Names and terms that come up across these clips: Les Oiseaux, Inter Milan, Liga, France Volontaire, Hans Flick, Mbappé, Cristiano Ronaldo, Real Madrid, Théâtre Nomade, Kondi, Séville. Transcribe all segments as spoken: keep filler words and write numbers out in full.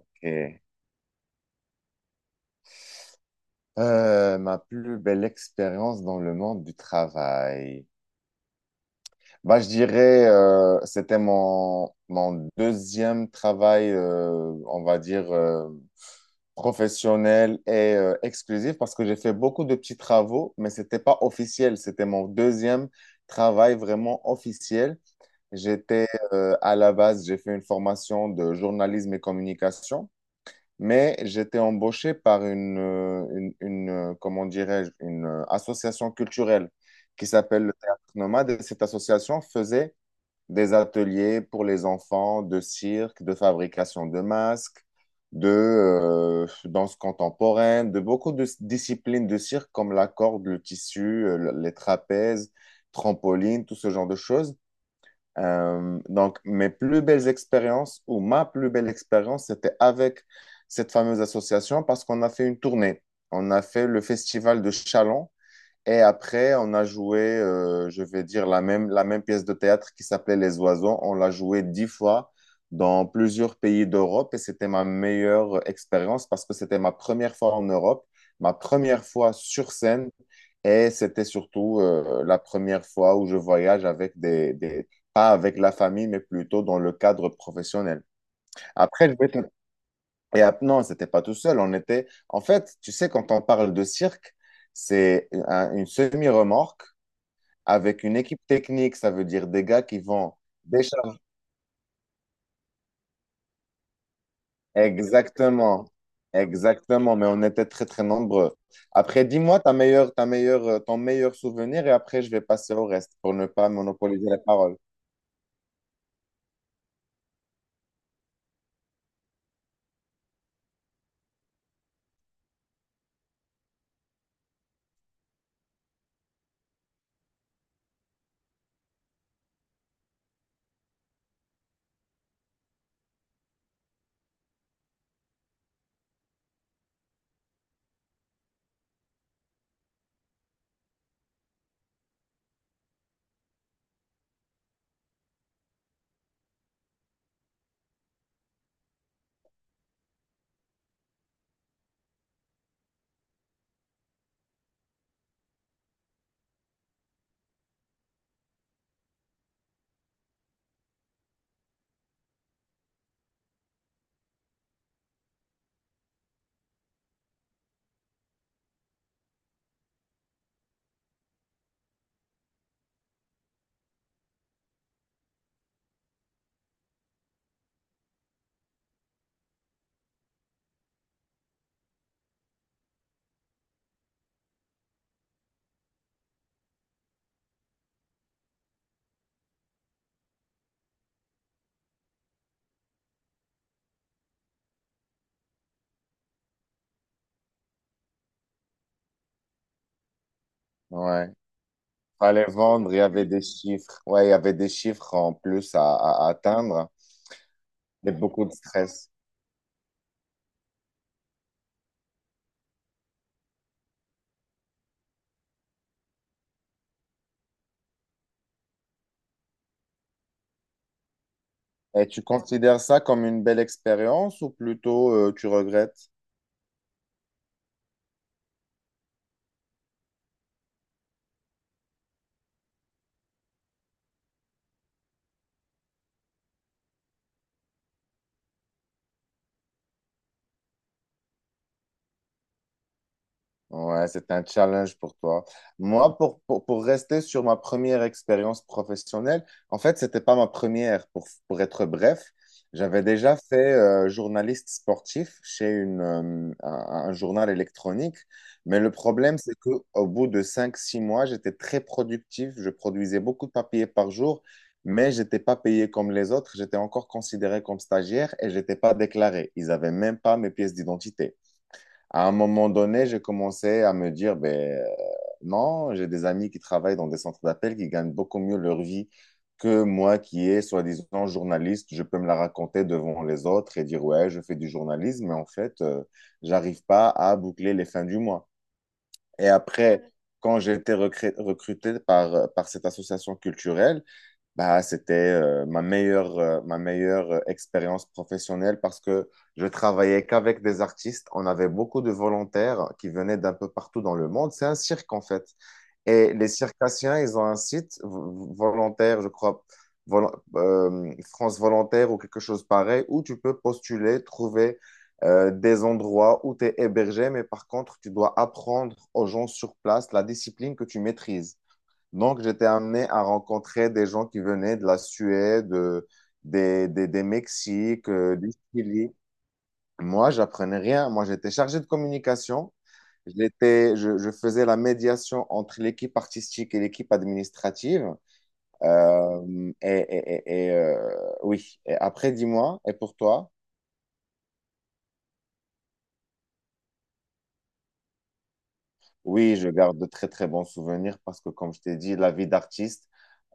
Ok. Euh, ma plus belle expérience dans le monde du travail. Bah, je dirais, euh, c'était mon, mon deuxième travail, euh, on va dire, euh, professionnel et euh, exclusif parce que j'ai fait beaucoup de petits travaux, mais c'était pas officiel. C'était mon deuxième travail vraiment officiel. J'étais euh, à la base, j'ai fait une formation de journalisme et communication. Mais j'étais embauché par une, euh, une, une, euh, comment dirais-je, une euh, association culturelle qui s'appelle le Théâtre Nomade. Et cette association faisait des ateliers pour les enfants de cirque, de fabrication de masques, de euh, danse contemporaine, de beaucoup de s- disciplines de cirque comme la corde, le tissu, euh, le- les trapèzes, trampoline, tout ce genre de choses. Euh, donc, mes plus belles expériences ou ma plus belle expérience, c'était avec cette fameuse association parce qu'on a fait une tournée. On a fait le festival de Chalon et après, on a joué, euh, je vais dire, la même, la même pièce de théâtre qui s'appelait Les Oiseaux. On l'a joué dix fois dans plusieurs pays d'Europe et c'était ma meilleure expérience parce que c'était ma première fois en Europe, ma première fois sur scène et c'était surtout euh, la première fois où je voyage avec des, des, pas avec la famille, mais plutôt dans le cadre professionnel. Après, je vais te et ap- non, c'était pas tout seul. On était, en fait, tu sais, quand on parle de cirque, c'est un- une semi-remorque avec une équipe technique. Ça veut dire des gars qui vont décharger. Exactement, exactement. Mais on était très très nombreux. Après, dis-moi ta meilleure, ta meilleure, euh, ton meilleur souvenir et après je vais passer au reste pour ne pas monopoliser la parole. Ouais. Fallait vendre. Il y avait des chiffres. Ouais, il y avait des chiffres en plus à à- atteindre et beaucoup de stress. Et tu considères ça comme une belle expérience ou plutôt euh, tu regrettes? Ouais, c'est un challenge pour toi. Moi, pour, pour, pour rester sur ma première expérience professionnelle, en fait, c'était pas ma première, pour, pour être bref. J'avais déjà fait euh, journaliste sportif chez une, euh, un, un journal électronique, mais le problème, c'est que au bout de cinq six mois, j'étais très productif, je produisais beaucoup de papiers par jour, mais j'étais pas payé comme les autres, j'étais encore considéré comme stagiaire et j'étais pas déclaré. Ils avaient même pas mes pièces d'identité. À un moment donné, j'ai commencé à me dire, ben, euh, non, j'ai des amis qui travaillent dans des centres d'appel qui gagnent beaucoup mieux leur vie que moi qui est soi-disant journaliste. Je peux me la raconter devant les autres et dire, ouais, je fais du journalisme, mais en fait, euh, j'arrive pas à boucler les fins du mois. Et après, quand j'ai été recré- recruté par, euh, par cette association culturelle, bah, c'était euh, ma meilleure, euh, ma meilleure euh, expérience professionnelle parce que je travaillais qu'avec des artistes. On avait beaucoup de volontaires qui venaient d'un peu partout dans le monde. C'est un cirque, en fait. Et les circassiens, ils ont un site v- volontaire, je crois, vol- euh, France Volontaire ou quelque chose pareil, où tu peux postuler, trouver euh, des endroits où tu es hébergé, mais par contre, tu dois apprendre aux gens sur place la discipline que tu maîtrises. Donc, j'étais amené à rencontrer des gens qui venaient de la Suède, euh, des, des, des Mexiques, euh, du Chili. Moi, j'apprenais rien. Moi, j'étais chargé de communication. J'étais, je, je faisais la médiation entre l'équipe artistique et l'équipe administrative. Euh, et et- et- et, euh, oui, et après, dis-moi, et pour toi? Oui, je garde de très très bons souvenirs parce que comme je t'ai dit, la vie d'artiste,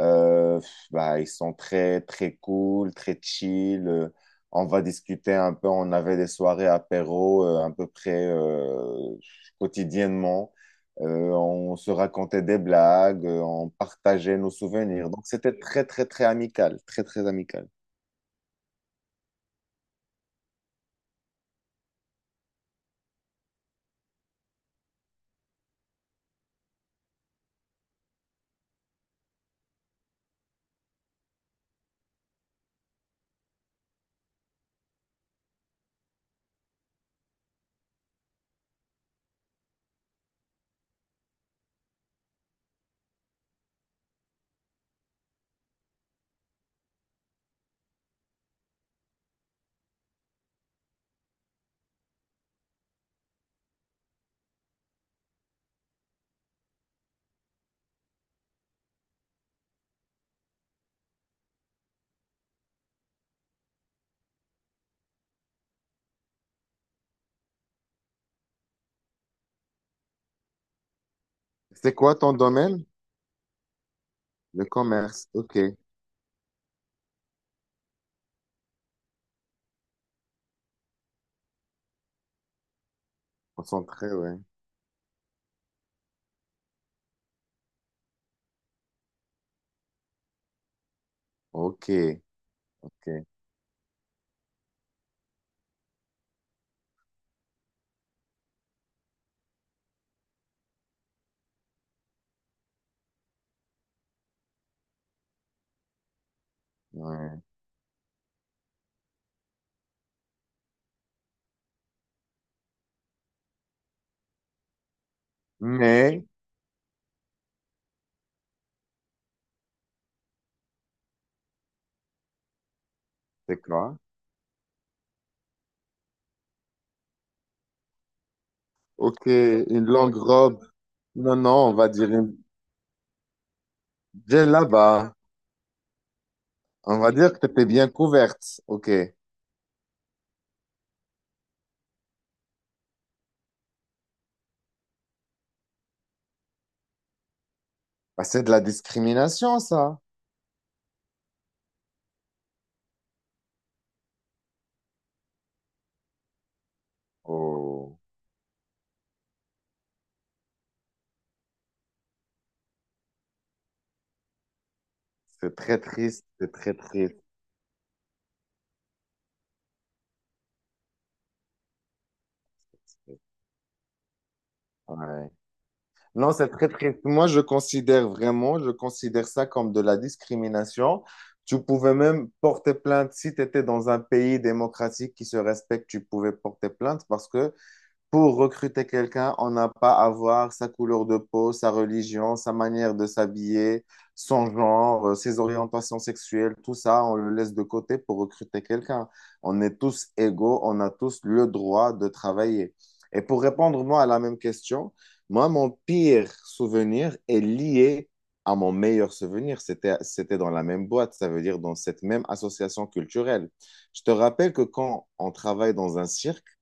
euh, bah, ils sont très très cool, très chill. euh, on va discuter un peu. On avait des soirées apéro euh, à peu près euh, quotidiennement. Euh, on se racontait des blagues, euh, on partageait nos souvenirs. Donc c'était très très très amical, très très amical. C'est quoi ton domaine? Le commerce. Ok, concentré, ouais. Ok, ok. Ouais. Mais c'est quoi? Ok, une longue robe. Non, non, on va dire une là-bas. On va dire que t'étais bien couverte. Ok. Bah, c'est de la discrimination, ça. Oh, c'est très triste, c'est très triste. Ouais. Non, c'est très triste. Moi, je considère vraiment, je considère ça comme de la discrimination. Tu pouvais même porter plainte si tu étais dans un pays démocratique qui se respecte, tu pouvais porter plainte parce que pour recruter quelqu'un, on n'a pas à voir sa couleur de peau, sa religion, sa manière de s'habiller, son genre, euh, ses orientations sexuelles, tout ça, on le laisse de côté pour recruter quelqu'un. On est tous égaux, on a tous le droit de travailler. Et pour répondre, moi, à la même question, moi, mon pire souvenir est lié à mon meilleur souvenir. C'était, c'était dans la même boîte, ça veut dire dans cette même association culturelle. Je te rappelle que quand on travaille dans un cirque,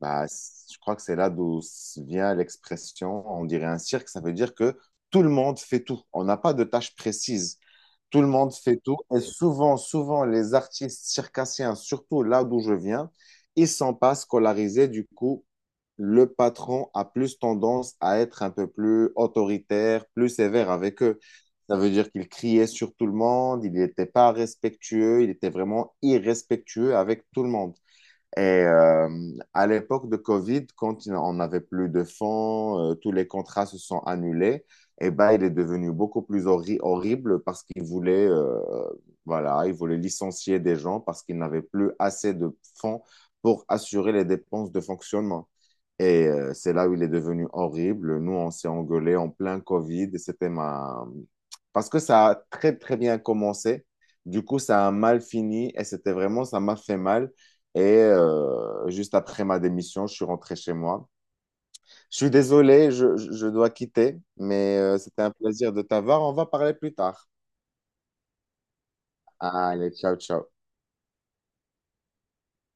bah, c- je crois que c'est là d'où s- vient l'expression, on dirait un cirque, ça veut dire que tout le monde fait tout. On n'a pas de tâche précise. Tout le monde fait tout. Et souvent, souvent, les artistes circassiens, surtout là d'où je viens, ils sont pas scolarisés. Du coup, le patron a plus tendance à être un peu plus autoritaire, plus sévère avec eux. Ça veut dire qu'il criait sur tout le monde, il n'était pas respectueux, il était vraiment irrespectueux avec tout le monde. Et euh, à l'époque de Covid, quand on n'avait plus de fonds, euh, tous les contrats se sont annulés. Et ben, il est devenu beaucoup plus horri- horrible parce qu'il voulait, euh, voilà, il voulait licencier des gens parce qu'il n'avait plus assez de fonds pour assurer les dépenses de fonctionnement. Et euh, c'est là où il est devenu horrible. Nous, on s'est engueulés en plein Covid. Et c'était ma... Parce que ça a très, très bien commencé. Du coup, ça a mal fini et c'était vraiment, ça m'a fait mal. Et euh, juste après ma démission, je suis rentré chez moi. Je suis désolé, je, je je dois quitter, mais euh, c'était un plaisir de t'avoir. On va parler plus tard. Allez, ciao, ciao.